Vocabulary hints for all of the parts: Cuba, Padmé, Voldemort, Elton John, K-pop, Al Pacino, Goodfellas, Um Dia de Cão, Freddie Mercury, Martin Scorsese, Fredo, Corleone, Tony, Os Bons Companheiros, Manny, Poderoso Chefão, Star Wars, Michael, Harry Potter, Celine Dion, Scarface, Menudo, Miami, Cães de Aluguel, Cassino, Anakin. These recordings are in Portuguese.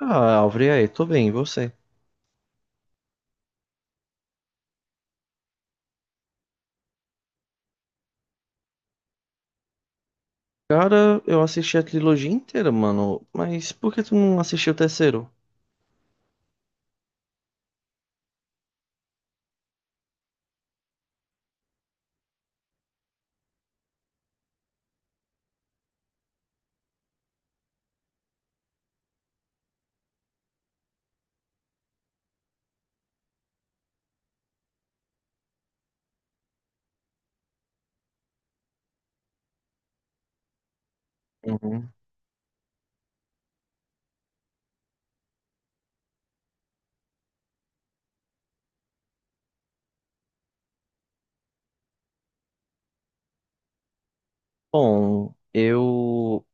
Ah, Alvre, e aí, tô bem, e você? Cara, eu assisti a trilogia inteira, mano, mas por que tu não assistiu o terceiro? Uhum. Bom, eu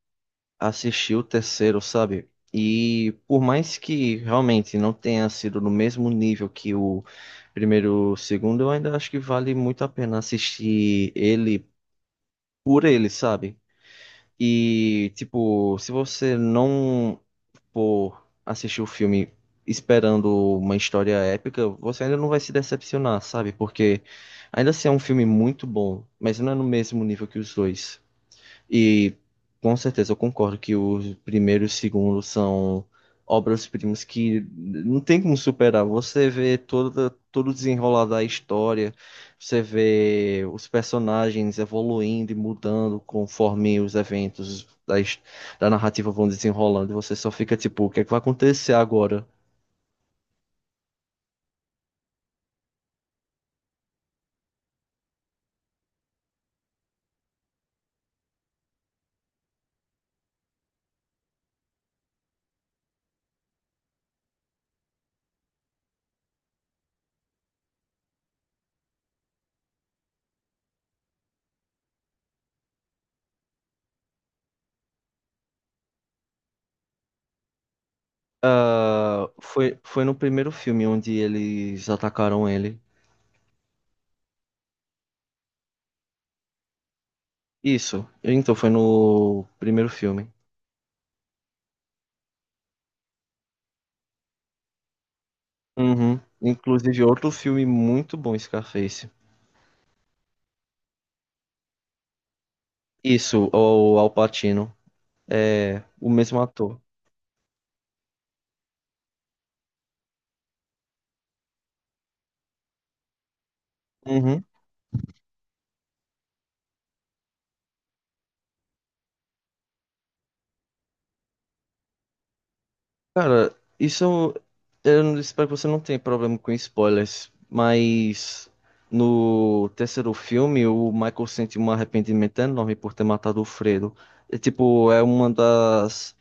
assisti o terceiro, sabe? E por mais que realmente não tenha sido no mesmo nível que o primeiro, o segundo, eu ainda acho que vale muito a pena assistir ele por ele, sabe? E, tipo, se você não por assistir o filme esperando uma história épica, você ainda não vai se decepcionar, sabe? Porque ainda assim é um filme muito bom, mas não é no mesmo nível que os dois. E com certeza eu concordo que o primeiro e o segundo são obras-primas que não tem como superar. Você vê todo o desenrolar da história, você vê os personagens evoluindo e mudando conforme os eventos da narrativa vão desenrolando. E você só fica tipo, o que é que vai acontecer agora? Ah, foi no primeiro filme onde eles atacaram ele. Isso, então foi no primeiro filme. Uhum. Inclusive, outro filme muito bom, Scarface. Isso, o Al Pacino. É o mesmo ator. Uhum. Cara, isso eu não- espero que você não tenha problema com spoilers, mas no terceiro filme o Michael sente um arrependimento enorme por ter matado o Fredo. É tipo, é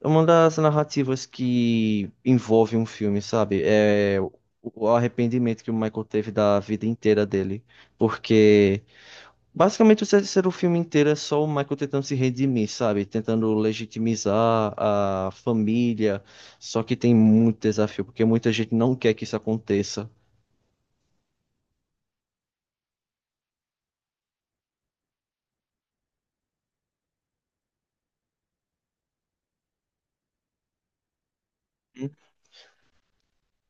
uma das narrativas que envolve um filme, sabe? É o arrependimento que o Michael teve da vida inteira dele. Porque basicamente o terceiro filme inteiro é só o Michael tentando se redimir, sabe? Tentando legitimizar a família. Só que tem muito desafio, porque muita gente não quer que isso aconteça.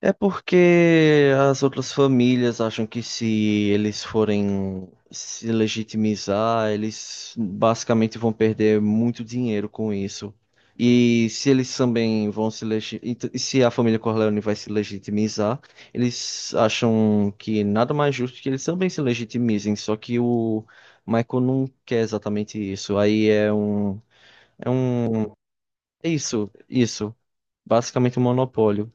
É porque as outras famílias acham que se eles forem se legitimizar, eles basicamente vão perder muito dinheiro com isso. E se eles também vão se legi... ent- se a família Corleone vai se legitimizar, eles acham que nada mais justo que eles também se legitimizem, só que o Michael não quer exatamente isso. Aí é um, é isso, basicamente um monopólio.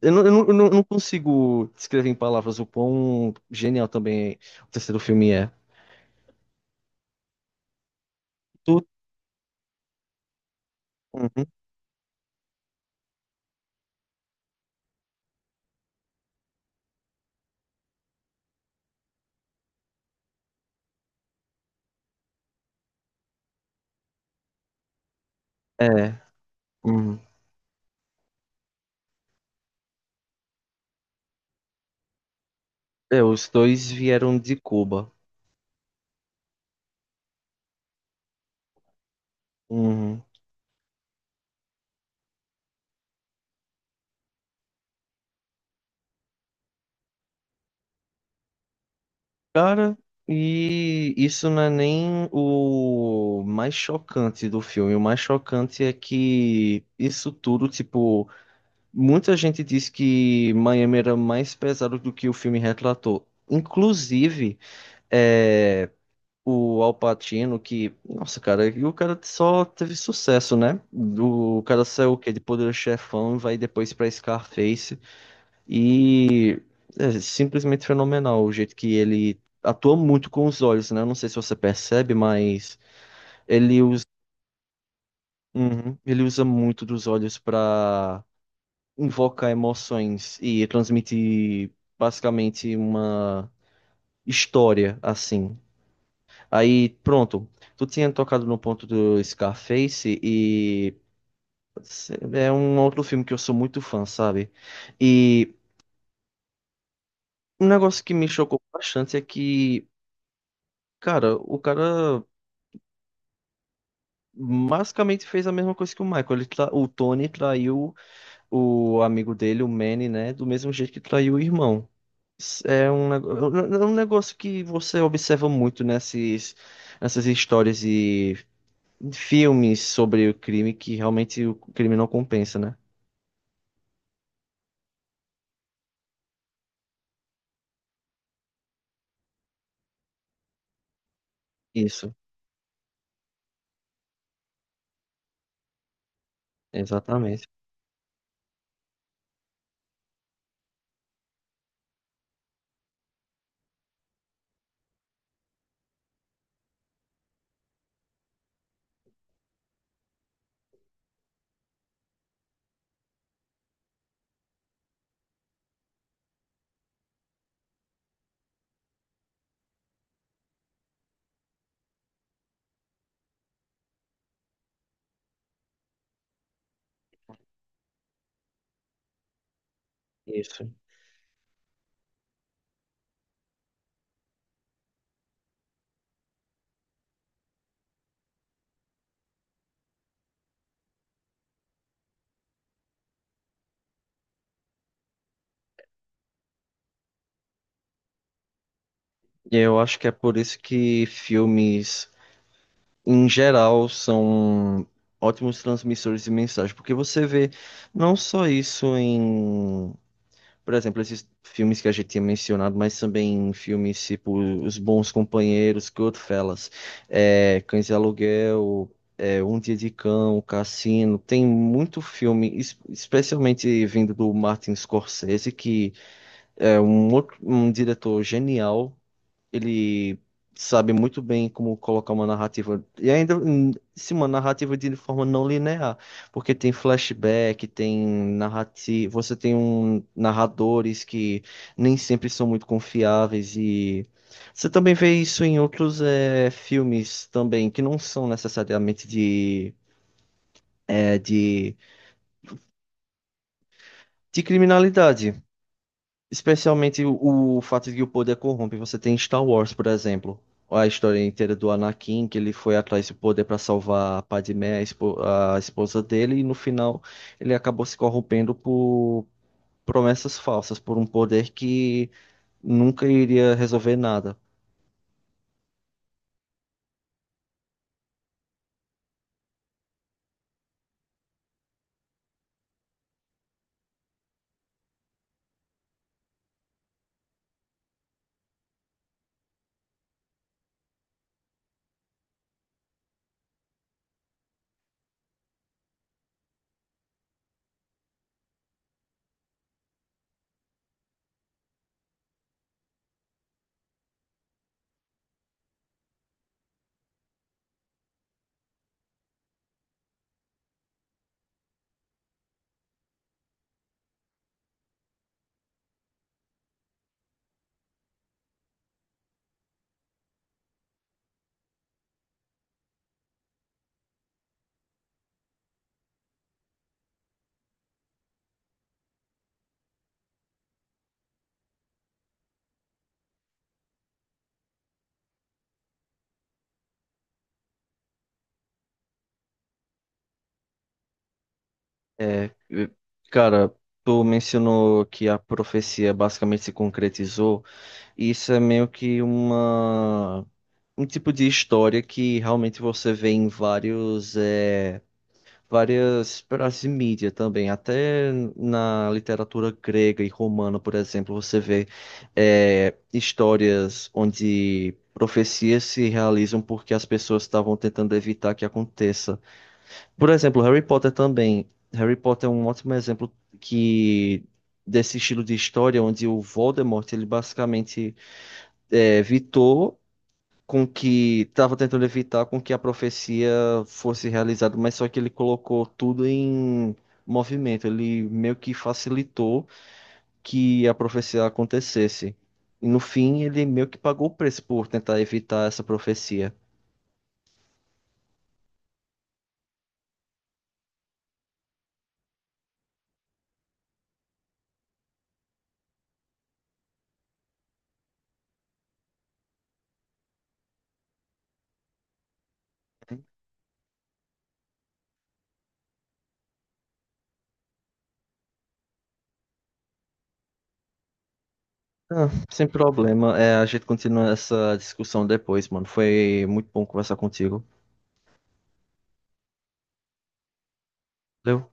Eu não consigo descrever em palavras o quão genial também o terceiro filme é. Tu- Uhum. É, uhum. É, os dois vieram de Cuba. Uhum. Cara, e isso não é nem o mais chocante do filme. O mais chocante é que isso tudo, tipo, muita gente diz que Miami era mais pesado do que o filme retratou. Inclusive, é. O Al Pacino, que, nossa, cara, e o cara só teve sucesso, né? Do, o cara saiu o quê? De Poderoso Chefão, vai depois pra Scarface e é simplesmente fenomenal o jeito que ele atua muito com os olhos, né? Eu não sei se você percebe, mas ele usa, uhum, ele usa muito dos olhos pra invocar emoções e transmitir basicamente uma história assim. Aí, pronto. Tu tinha tocado no ponto do Scarface e é um outro filme que eu sou muito fã, sabe? E um negócio que me chocou bastante é que, cara, o cara basicamente fez a mesma coisa que o Michael. O Tony traiu o amigo dele, o Manny, né? Do mesmo jeito que traiu o irmão. É um, nego- é um negócio que você observa muito nessas histórias e filmes sobre o crime, que realmente o crime não compensa, né? Isso, exatamente. Isso. E eu acho que é por isso que filmes, em geral, são ótimos transmissores de mensagem, porque você vê não só isso em... Por exemplo, esses filmes que a gente tinha mencionado, mas também filmes tipo Os Bons Companheiros, Goodfellas, Cães de Aluguel, Um Dia de Cão, Cassino. Tem muito filme, especialmente vindo do Martin Scorsese, que é um, um diretor genial. Ele sabe muito bem como colocar uma narrativa. E ainda, sim, uma narrativa de forma não linear. Porque tem flashback, tem narrativa. Você tem um, narradores que nem sempre são muito confiáveis. E você também vê isso em outros filmes também, que não são necessariamente de, eh, de, de criminalidade. Especialmente o fato de que o poder corrompe. Você tem Star Wars, por exemplo. A história inteira do Anakin, que ele foi atrás do poder para salvar a Padmé, a esposa dele, e no final ele acabou se corrompendo por promessas falsas, por um poder que nunca iria resolver nada. É, cara, tu mencionou que a profecia basicamente se concretizou. Isso é meio que uma... um tipo de história que realmente você vê em vários, várias peças de mídia também, até na literatura grega e romana, por exemplo, você vê histórias onde profecias se realizam porque as pessoas estavam tentando evitar que aconteça. Por exemplo, Harry Potter também. Harry Potter é um ótimo exemplo que desse estilo de história onde o Voldemort ele basicamente evitou com que estava tentando evitar com que a profecia fosse realizada, mas só que ele colocou tudo em movimento, ele meio que facilitou que a profecia acontecesse. E no fim, ele meio que pagou o preço por tentar evitar essa profecia. Ah, sem problema, é, a gente continua essa discussão depois, mano. Foi muito bom conversar contigo. Valeu.